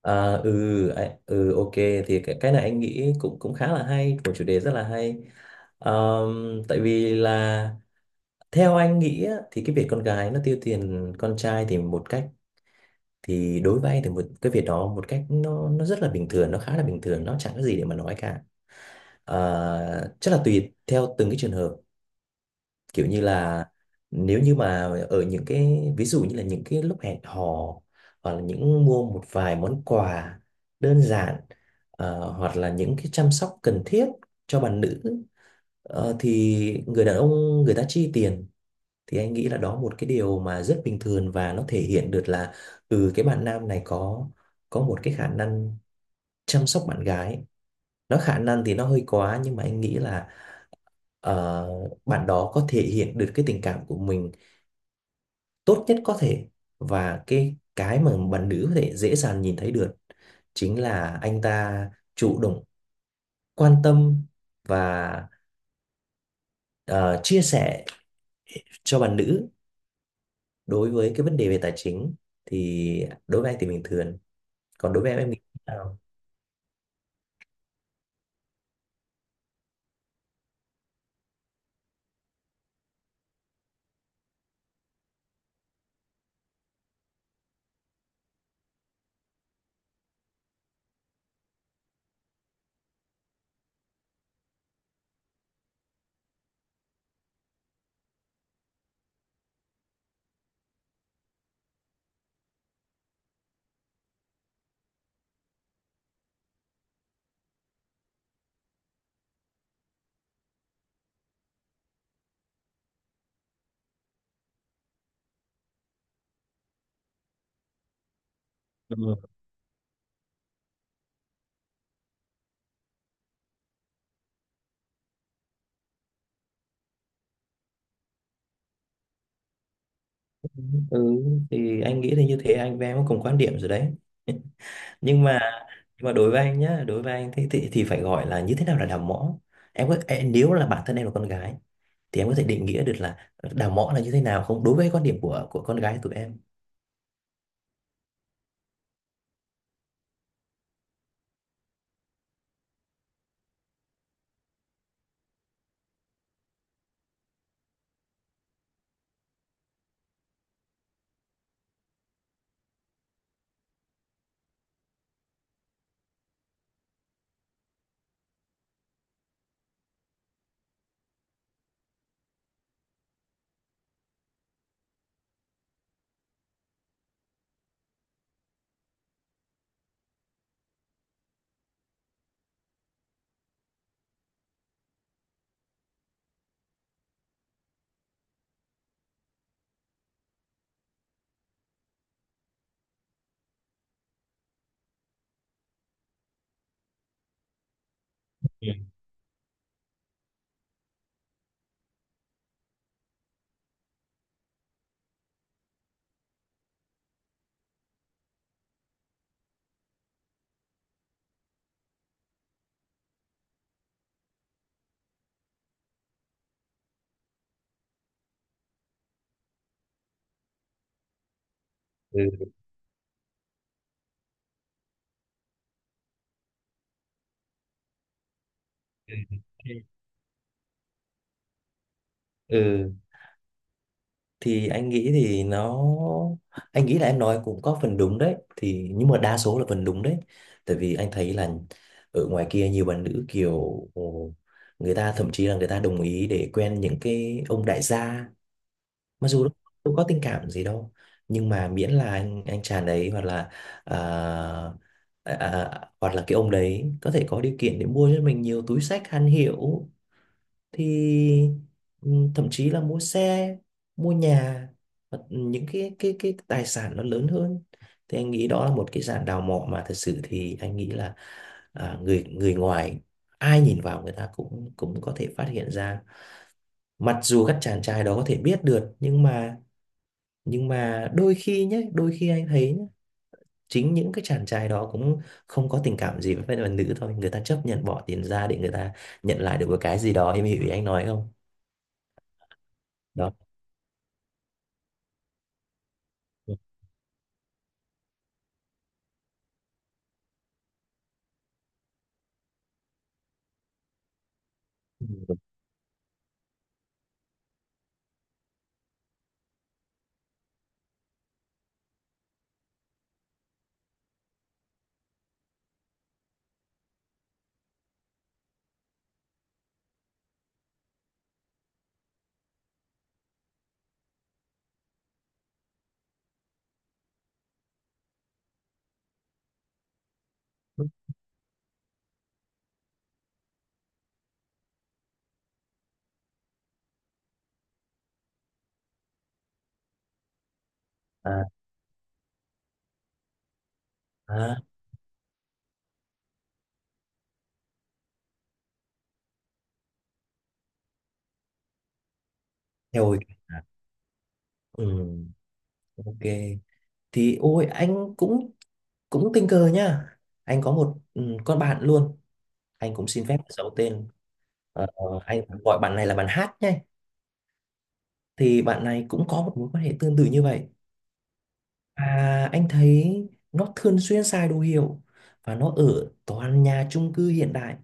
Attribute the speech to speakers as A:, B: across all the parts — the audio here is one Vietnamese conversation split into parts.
A: À, ừ, ạ, ừ, ok. Thì cái này anh nghĩ cũng cũng khá là hay, một chủ đề rất là hay. Tại vì là theo anh nghĩ á, thì cái việc con gái nó tiêu tiền con trai thì một cách, thì đối với anh thì một cái việc đó một cách nó rất là bình thường, nó khá là bình thường, nó chẳng có gì để mà nói cả. Ờ, chắc là tùy theo từng cái trường hợp, kiểu như là nếu như mà ở những cái ví dụ như là những cái lúc hẹn hò, hoặc là những mua một vài món quà đơn giản, hoặc là những cái chăm sóc cần thiết cho bạn nữ, thì người đàn ông, người ta chi tiền, thì anh nghĩ là đó một cái điều mà rất bình thường, và nó thể hiện được là ừ cái bạn nam này có một cái khả năng chăm sóc bạn gái. Nó khả năng thì nó hơi quá, nhưng mà anh nghĩ là ờ, bạn đó có thể hiện được cái tình cảm của mình tốt nhất có thể, và cái mà bạn nữ có thể dễ dàng nhìn thấy được chính là anh ta chủ động, quan tâm, và ờ, chia sẻ cho bạn nữ. Đối với cái vấn đề về tài chính thì đối với anh thì bình thường. Còn đối với em nghĩ thế nào? Ừ. Ừ, thì anh nghĩ thì như thế anh với em có cùng quan điểm rồi đấy. Nhưng mà đối với anh nhá, đối với anh thì thì phải gọi là như thế nào là đào mỏ. Nếu là bản thân em là con gái thì em có thể định nghĩa được là đào mõ là như thế nào không, đối với quan điểm của con gái tụi em? Ừ. Ừ. Ừ. Ừ, thì anh nghĩ thì nó, anh nghĩ là em nói cũng có phần đúng đấy, thì nhưng mà đa số là phần đúng đấy. Tại vì anh thấy là ở ngoài kia nhiều bạn nữ kiểu ồ, người ta thậm chí là người ta đồng ý để quen những cái ông đại gia, mặc dù đâu có tình cảm gì đâu, nhưng mà miễn là anh chàng đấy hoặc là à, hoặc là cái ông đấy có thể có điều kiện để mua cho mình nhiều túi xách hàng hiệu, thì thậm chí là mua xe, mua nhà, hoặc những cái tài sản nó lớn hơn. Thì anh nghĩ đó là một cái dạng đào mỏ mà thật sự thì anh nghĩ là người người ngoài ai nhìn vào người ta cũng cũng có thể phát hiện ra. Mặc dù các chàng trai đó có thể biết được, nhưng mà đôi khi nhé, đôi khi anh thấy nhé, chính những cái chàng trai đó cũng không có tình cảm gì với phái đoàn nữ thôi, người ta chấp nhận bỏ tiền ra để người ta nhận lại được một cái gì đó, em hiểu ý anh nói không? Đó. Ừ. à, à, theo hồi à, ừ, ok. Thì ôi anh cũng cũng tình cờ nhá, anh có một con bạn luôn. Anh cũng xin phép giấu tên. Anh gọi bạn này là bạn Hát nhé. Thì bạn này cũng có một mối quan hệ tương tự như vậy. À, anh thấy nó thường xuyên xài đồ hiệu và nó ở toàn nhà chung cư hiện đại,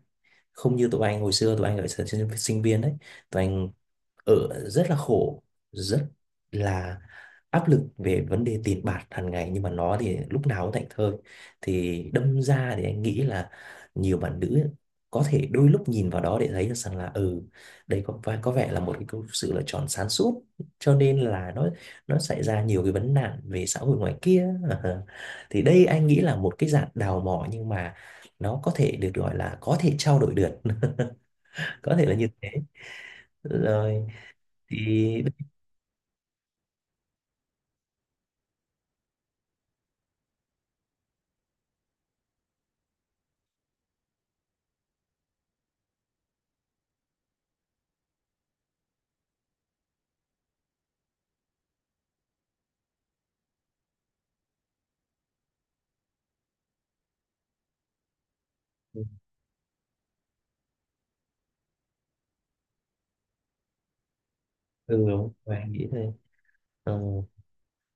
A: không như tụi anh hồi xưa. Tụi anh ở thời sinh sinh viên đấy, tụi anh ở rất là khổ, rất là áp lực về vấn đề tiền bạc hàng ngày, nhưng mà nó thì lúc nào cũng thảnh thơi. Thì đâm ra thì anh nghĩ là nhiều bạn nữ có thể đôi lúc nhìn vào đó để thấy được rằng là ừ đây có vẻ là một sự lựa chọn sáng suốt, cho nên là nó xảy ra nhiều cái vấn nạn về xã hội ngoài kia. Thì đây anh nghĩ là một cái dạng đào mỏ, nhưng mà nó có thể được gọi là có thể trao đổi được. Có thể là như thế. Rồi. Thì ừ đúng và nghĩ thế. Ờ,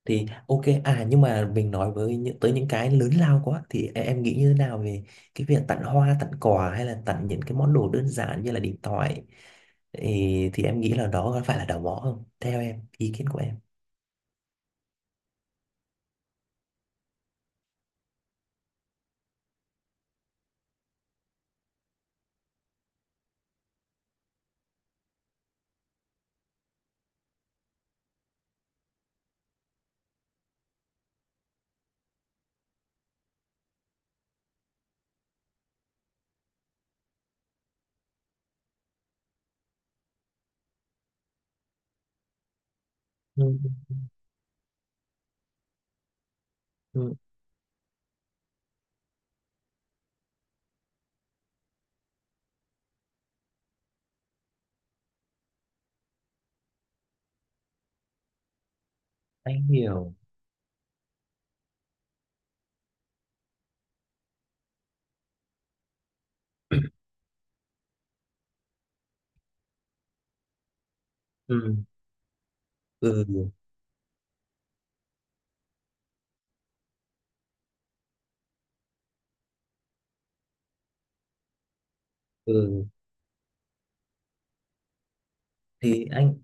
A: thì ok. À, nhưng mà mình nói với những tới những cái lớn lao quá thì em nghĩ như thế nào về cái việc tặng hoa, tặng quà, hay là tặng những cái món đồ đơn giản như là điện thoại, thì em nghĩ là đó có phải là đào mỏ không, theo em ý kiến của em? Ừ, ừ, anh hiểu. ừ ừ ừ, thì anh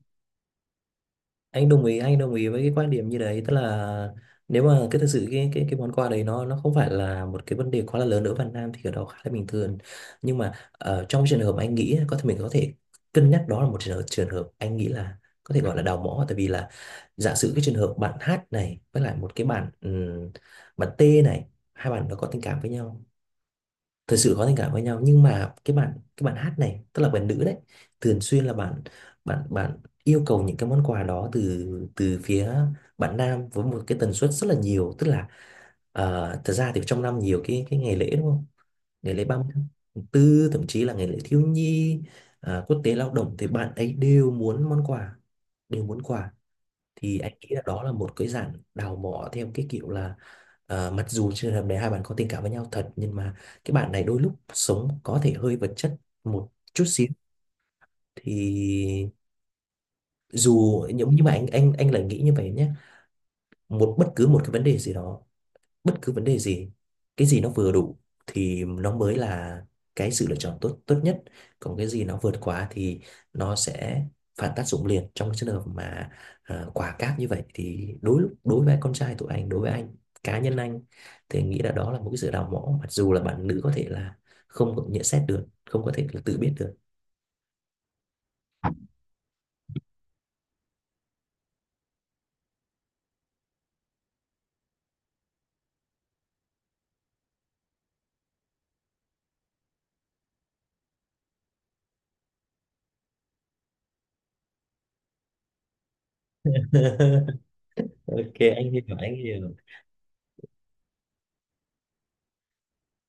A: anh đồng ý anh đồng ý với cái quan điểm như đấy, tức là nếu mà cái thực sự cái món quà đấy nó không phải là một cái vấn đề quá là lớn ở Việt Nam thì ở đó khá là bình thường. Nhưng mà trong trường hợp anh nghĩ có thể mình có thể cân nhắc, đó là một trường hợp anh nghĩ là có thể gọi là đào mỏ, tại vì là giả sử cái trường hợp bạn hát này với lại một cái bạn bạn T này, hai bạn nó có tình cảm với nhau, thật sự có tình cảm với nhau, nhưng mà cái bạn hát này tức là bạn nữ đấy thường xuyên là bạn bạn bạn yêu cầu những cái món quà đó từ từ phía bạn nam với một cái tần suất rất là nhiều, tức là thật ra thì trong năm nhiều cái ngày lễ đúng không? Ngày lễ 30 tháng 4, thậm chí là ngày lễ thiếu nhi, quốc tế lao động, thì bạn ấy đều muốn món quà, đều muốn quà. Thì anh nghĩ là đó là một cái dạng đào mỏ theo cái kiểu là mặc dù trường hợp này hai bạn có tình cảm với nhau thật, nhưng mà cái bạn này đôi lúc sống có thể hơi vật chất một chút xíu. Thì dù nhưng mà anh lại nghĩ như vậy nhé. Bất cứ một cái vấn đề gì đó, bất cứ vấn đề gì, cái gì nó vừa đủ thì nó mới là cái sự lựa chọn tốt tốt nhất. Còn cái gì nó vượt quá thì nó sẽ phản tác dụng liền. Trong cái trường hợp mà quả cáp như vậy thì đối đối với con trai tụi anh, đối với anh, cá nhân anh, thì anh nghĩ là đó là một cái sự đào mỏ, mặc dù là bạn nữ có thể là không có nhận xét được, không có thể là tự biết được. Ok, anh hiểu.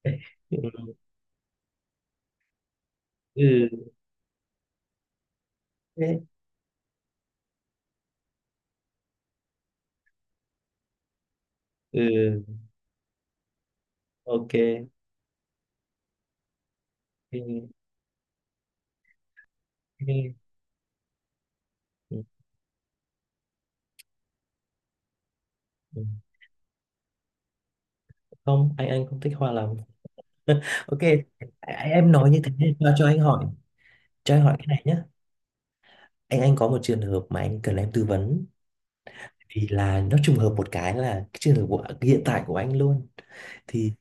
A: Ừ, ừ, thế, ừ, ok. Ừ. Ừ. Không, anh không thích hoa lắm. Ok. Em nói như thế. Cho anh hỏi, cho anh hỏi cái này nhé. Anh có một trường hợp mà anh cần em tư vấn, vì là nó trùng hợp một cái là cái trường hợp của hiện tại của anh luôn. thì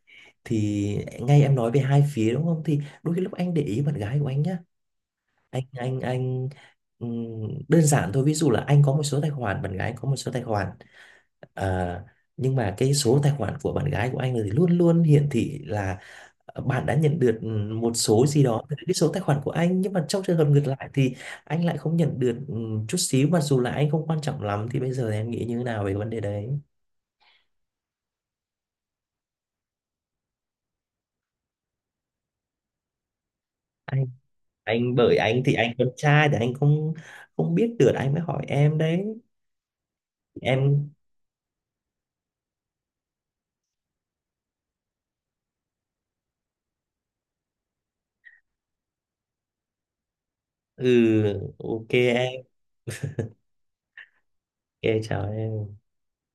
A: thì ngay em nói về hai phía đúng không, thì đôi khi lúc anh để ý bạn gái của anh nhá, anh đơn giản thôi, ví dụ là anh có một số tài khoản, bạn gái có một số tài khoản. À, nhưng mà cái số tài khoản của bạn gái của anh thì luôn luôn hiển thị là bạn đã nhận được một số gì đó từ cái số tài khoản của anh, nhưng mà trong trường hợp ngược lại thì anh lại không nhận được chút xíu, mặc dù là anh không quan trọng lắm. Thì bây giờ thì em nghĩ như thế nào về cái vấn đề đấy? Anh anh Bởi anh thì anh con trai thì anh không không biết được, anh mới hỏi em đấy. Em. Ừ. Ok em. Ok, chào em.